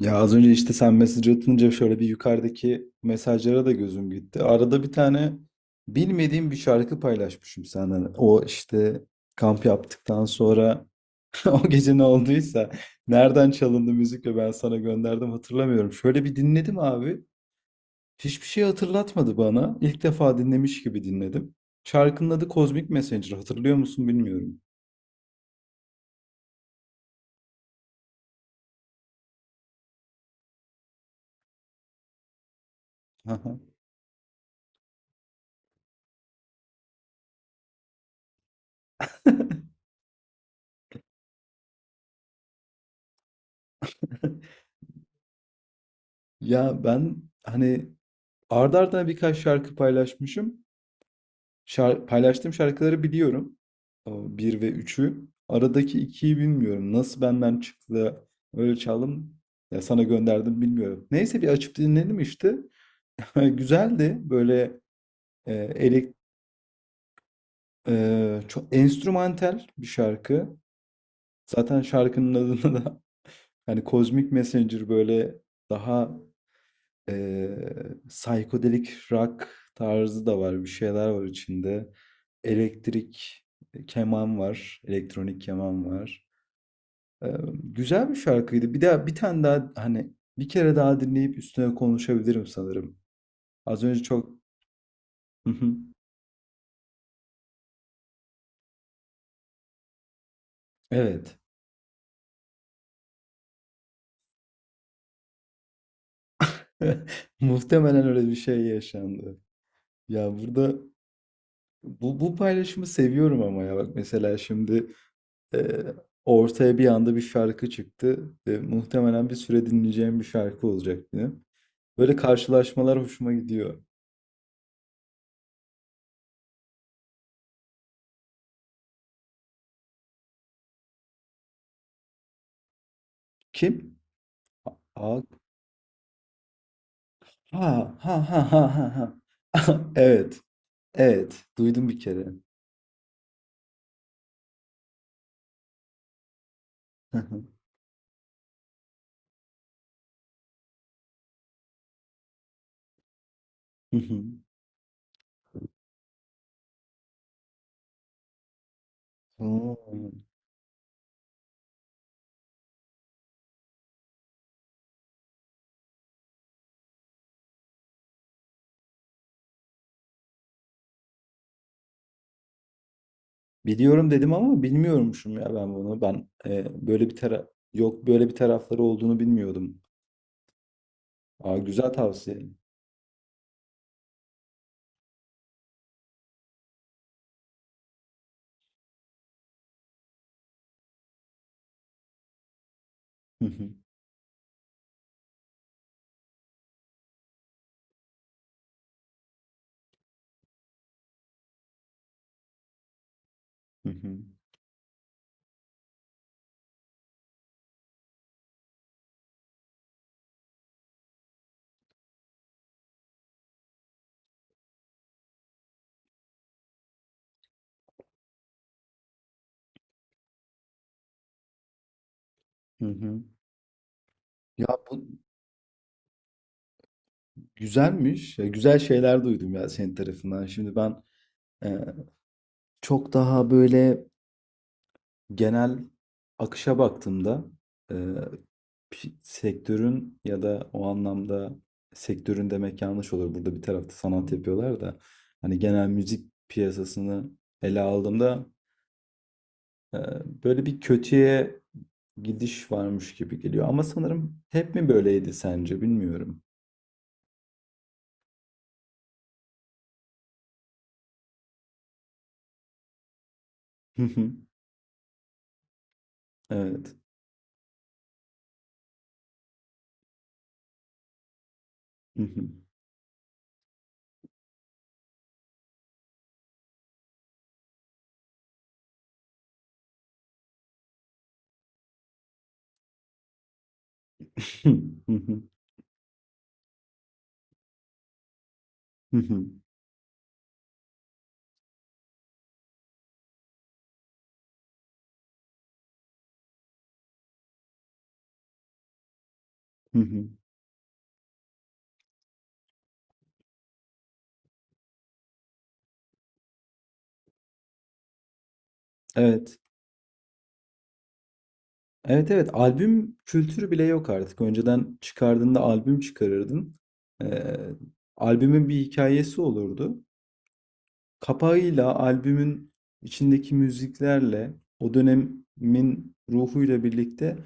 Ya az önce işte sen mesaj atınca şöyle bir yukarıdaki mesajlara da gözüm gitti. Arada bir tane bilmediğim bir şarkı paylaşmışım senden. O işte kamp yaptıktan sonra o gece ne olduysa nereden çalındı müzik ve ben sana gönderdim hatırlamıyorum. Şöyle bir dinledim abi. Hiçbir şey hatırlatmadı bana. İlk defa dinlemiş gibi dinledim. Şarkının adı Cosmic Messenger. Hatırlıyor musun bilmiyorum. Ya ben hani ardarda arda arda birkaç şarkı paylaşmışım. Paylaştığım şarkıları biliyorum. O 1 ve üçü, aradaki 2'yi bilmiyorum. Nasıl benden çıktı? Öyle çaldım. Ya sana gönderdim bilmiyorum. Neyse bir açıp dinledim işte. Güzeldi. Böyle e, elek çok enstrümantal bir şarkı. Zaten şarkının adında da hani Cosmic Messenger böyle daha e, psychedelic rock tarzı da var. Bir şeyler var içinde. Elektrik keman var, elektronik keman var. Güzel bir şarkıydı. Bir daha bir tane daha hani bir kere daha dinleyip üstüne konuşabilirim sanırım. Az önce çok Hı hı. Evet. Muhtemelen öyle bir şey yaşandı. Ya burada bu paylaşımı seviyorum ama ya bak mesela şimdi eee, ortaya bir anda bir şarkı çıktı. Muhtemelen bir süre dinleyeceğim bir şarkı olacak benim. Böyle karşılaşmalar hoşuma gidiyor. Kim? Aa. Ha ha ha ha ha. Ha. Evet. Evet. Duydum bir kere. Hı hı. Oo. Biliyorum dedim ama bilmiyormuşum ya ben bunu. Ben böyle bir yok, böyle bir tarafları olduğunu bilmiyordum. Aa, güzel tavsiye. Hı hı. Hı hı. Hı hı. Ya bu güzelmiş. Ya, güzel şeyler duydum ya senin tarafından. Şimdi ben e, çok daha böyle genel akışa baktığımda, e, sektörün ya da o anlamda sektörün demek yanlış olur. Burada bir tarafta sanat yapıyorlar da hani genel müzik piyasasını ele aldığımda e, böyle bir kötüye gidiş varmış gibi geliyor. Ama sanırım hep mi böyleydi sence bilmiyorum. Hı hı. Evet. Hı hı. Hı hı. Hı hı. Hı hı. Evet. Evet, evet, albüm kültürü bile yok artık. Önceden çıkardığında albüm çıkarırdın. Ee, Albümün bir hikayesi olurdu. Kapağıyla, albümün içindeki müziklerle, o dönemin ruhuyla birlikte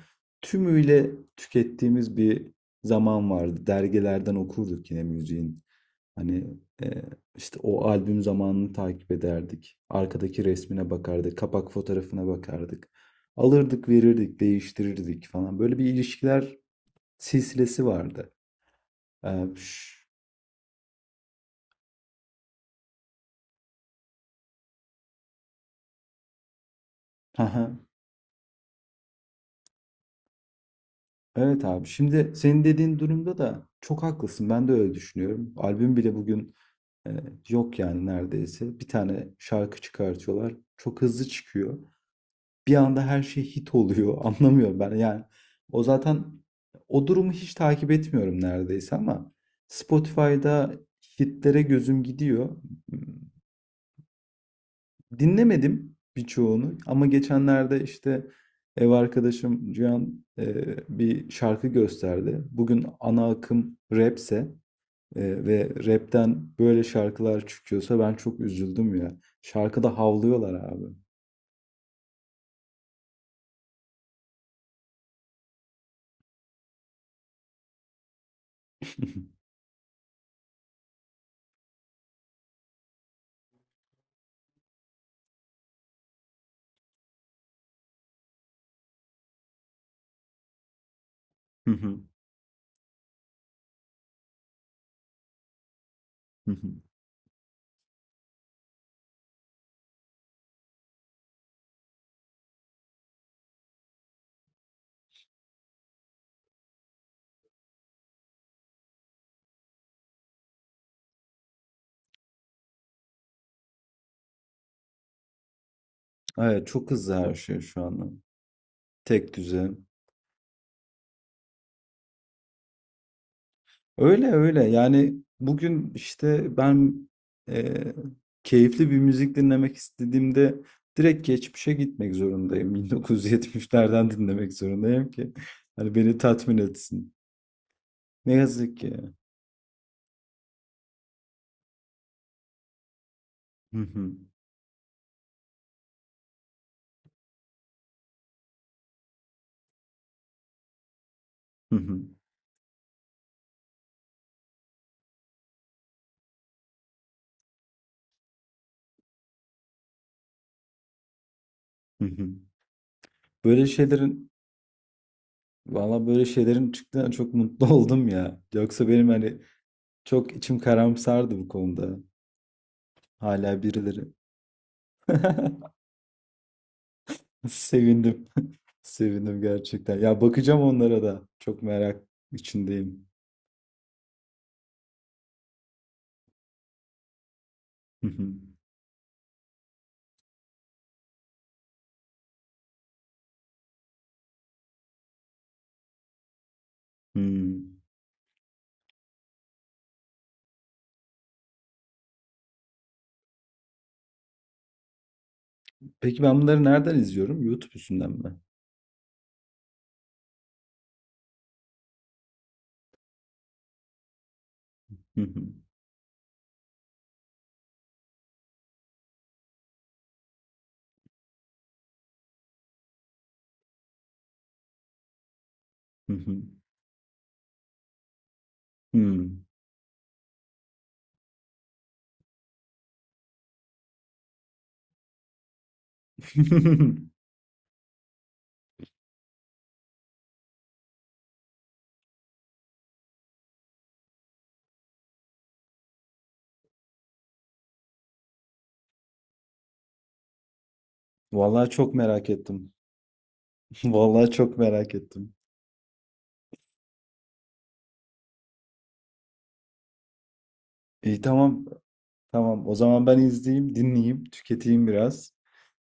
tümüyle tükettiğimiz bir zaman vardı. Dergilerden okurduk yine müziğin. Hani e, işte o albüm zamanını takip ederdik. Arkadaki resmine bakardık, kapak fotoğrafına bakardık. Alırdık, verirdik, değiştirirdik falan. Böyle bir ilişkiler silsilesi vardı. Ee, şş, Evet abi. Şimdi senin dediğin durumda da çok haklısın. Ben de öyle düşünüyorum. Albüm bile bugün e, yok yani neredeyse. Bir tane şarkı çıkartıyorlar. Çok hızlı çıkıyor. Bir anda her şey hit oluyor. Anlamıyorum ben. Yani o zaten o durumu hiç takip etmiyorum neredeyse ama Spotify'da hitlere gözüm gidiyor. Dinlemedim birçoğunu ama geçenlerde işte ev arkadaşım Cihan bir şarkı gösterdi. Bugün ana akım rapse ve rapten böyle şarkılar çıkıyorsa ben çok üzüldüm ya. Şarkıda havlıyorlar abi. Evet, çok hızlı her şey şu anda. Tek düze. Öyle öyle. Yani bugün işte ben eee, keyifli bir müzik dinlemek istediğimde direkt geçmişe gitmek zorundayım. 1970'lerden dinlemek zorundayım ki hani beni tatmin etsin. Ne yazık ki. Hı hı, hı hı, hı hı. Böyle şeylerin valla böyle şeylerin çıktığına çok mutlu oldum ya. Yoksa benim hani çok içim karamsardı bu konuda. Hala birileri. Sevindim. Sevindim gerçekten. Ya bakacağım onlara da. Çok merak içindeyim. Hı hı. Hmm. Peki ben bunları nereden izliyorum? YouTube üstünden mi? Hı hı. Hı hı. Hmm. Vallahi çok merak ettim. Vallahi çok merak ettim. İyi, tamam. Tamam. O zaman ben izleyeyim, dinleyeyim, tüketeyim biraz.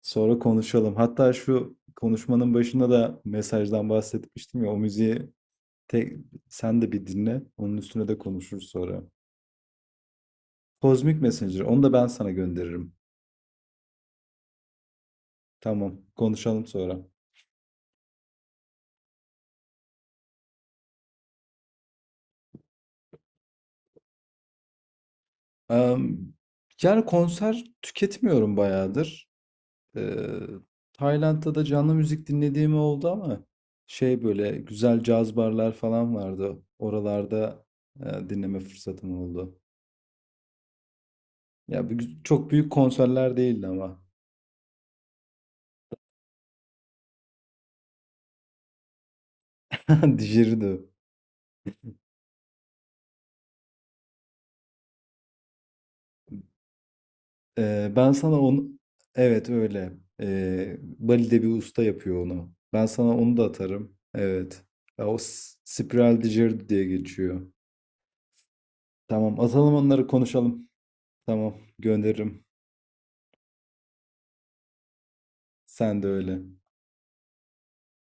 Sonra konuşalım. Hatta şu konuşmanın başında da mesajdan bahsetmiştim ya. O müziği tek, sen de bir dinle. Onun üstüne de konuşuruz sonra. Kozmik Messenger. Onu da ben sana gönderirim. Tamam. Konuşalım sonra. Em, Yani konser tüketmiyorum bayağıdır. Ee, Tayland'da da canlı müzik dinlediğim oldu ama şey böyle güzel caz barlar falan vardı. Oralarda dinleme fırsatım oldu. Ya çok büyük konserler değildi ama. Dijeridi. Ben sana onu, evet öyle. Bali'de bir usta yapıyor onu. Ben sana onu da atarım. Evet. Ya o spiral djirdi diye geçiyor. Tamam, atalım, onları konuşalım. Tamam, gönderirim. Sen de öyle.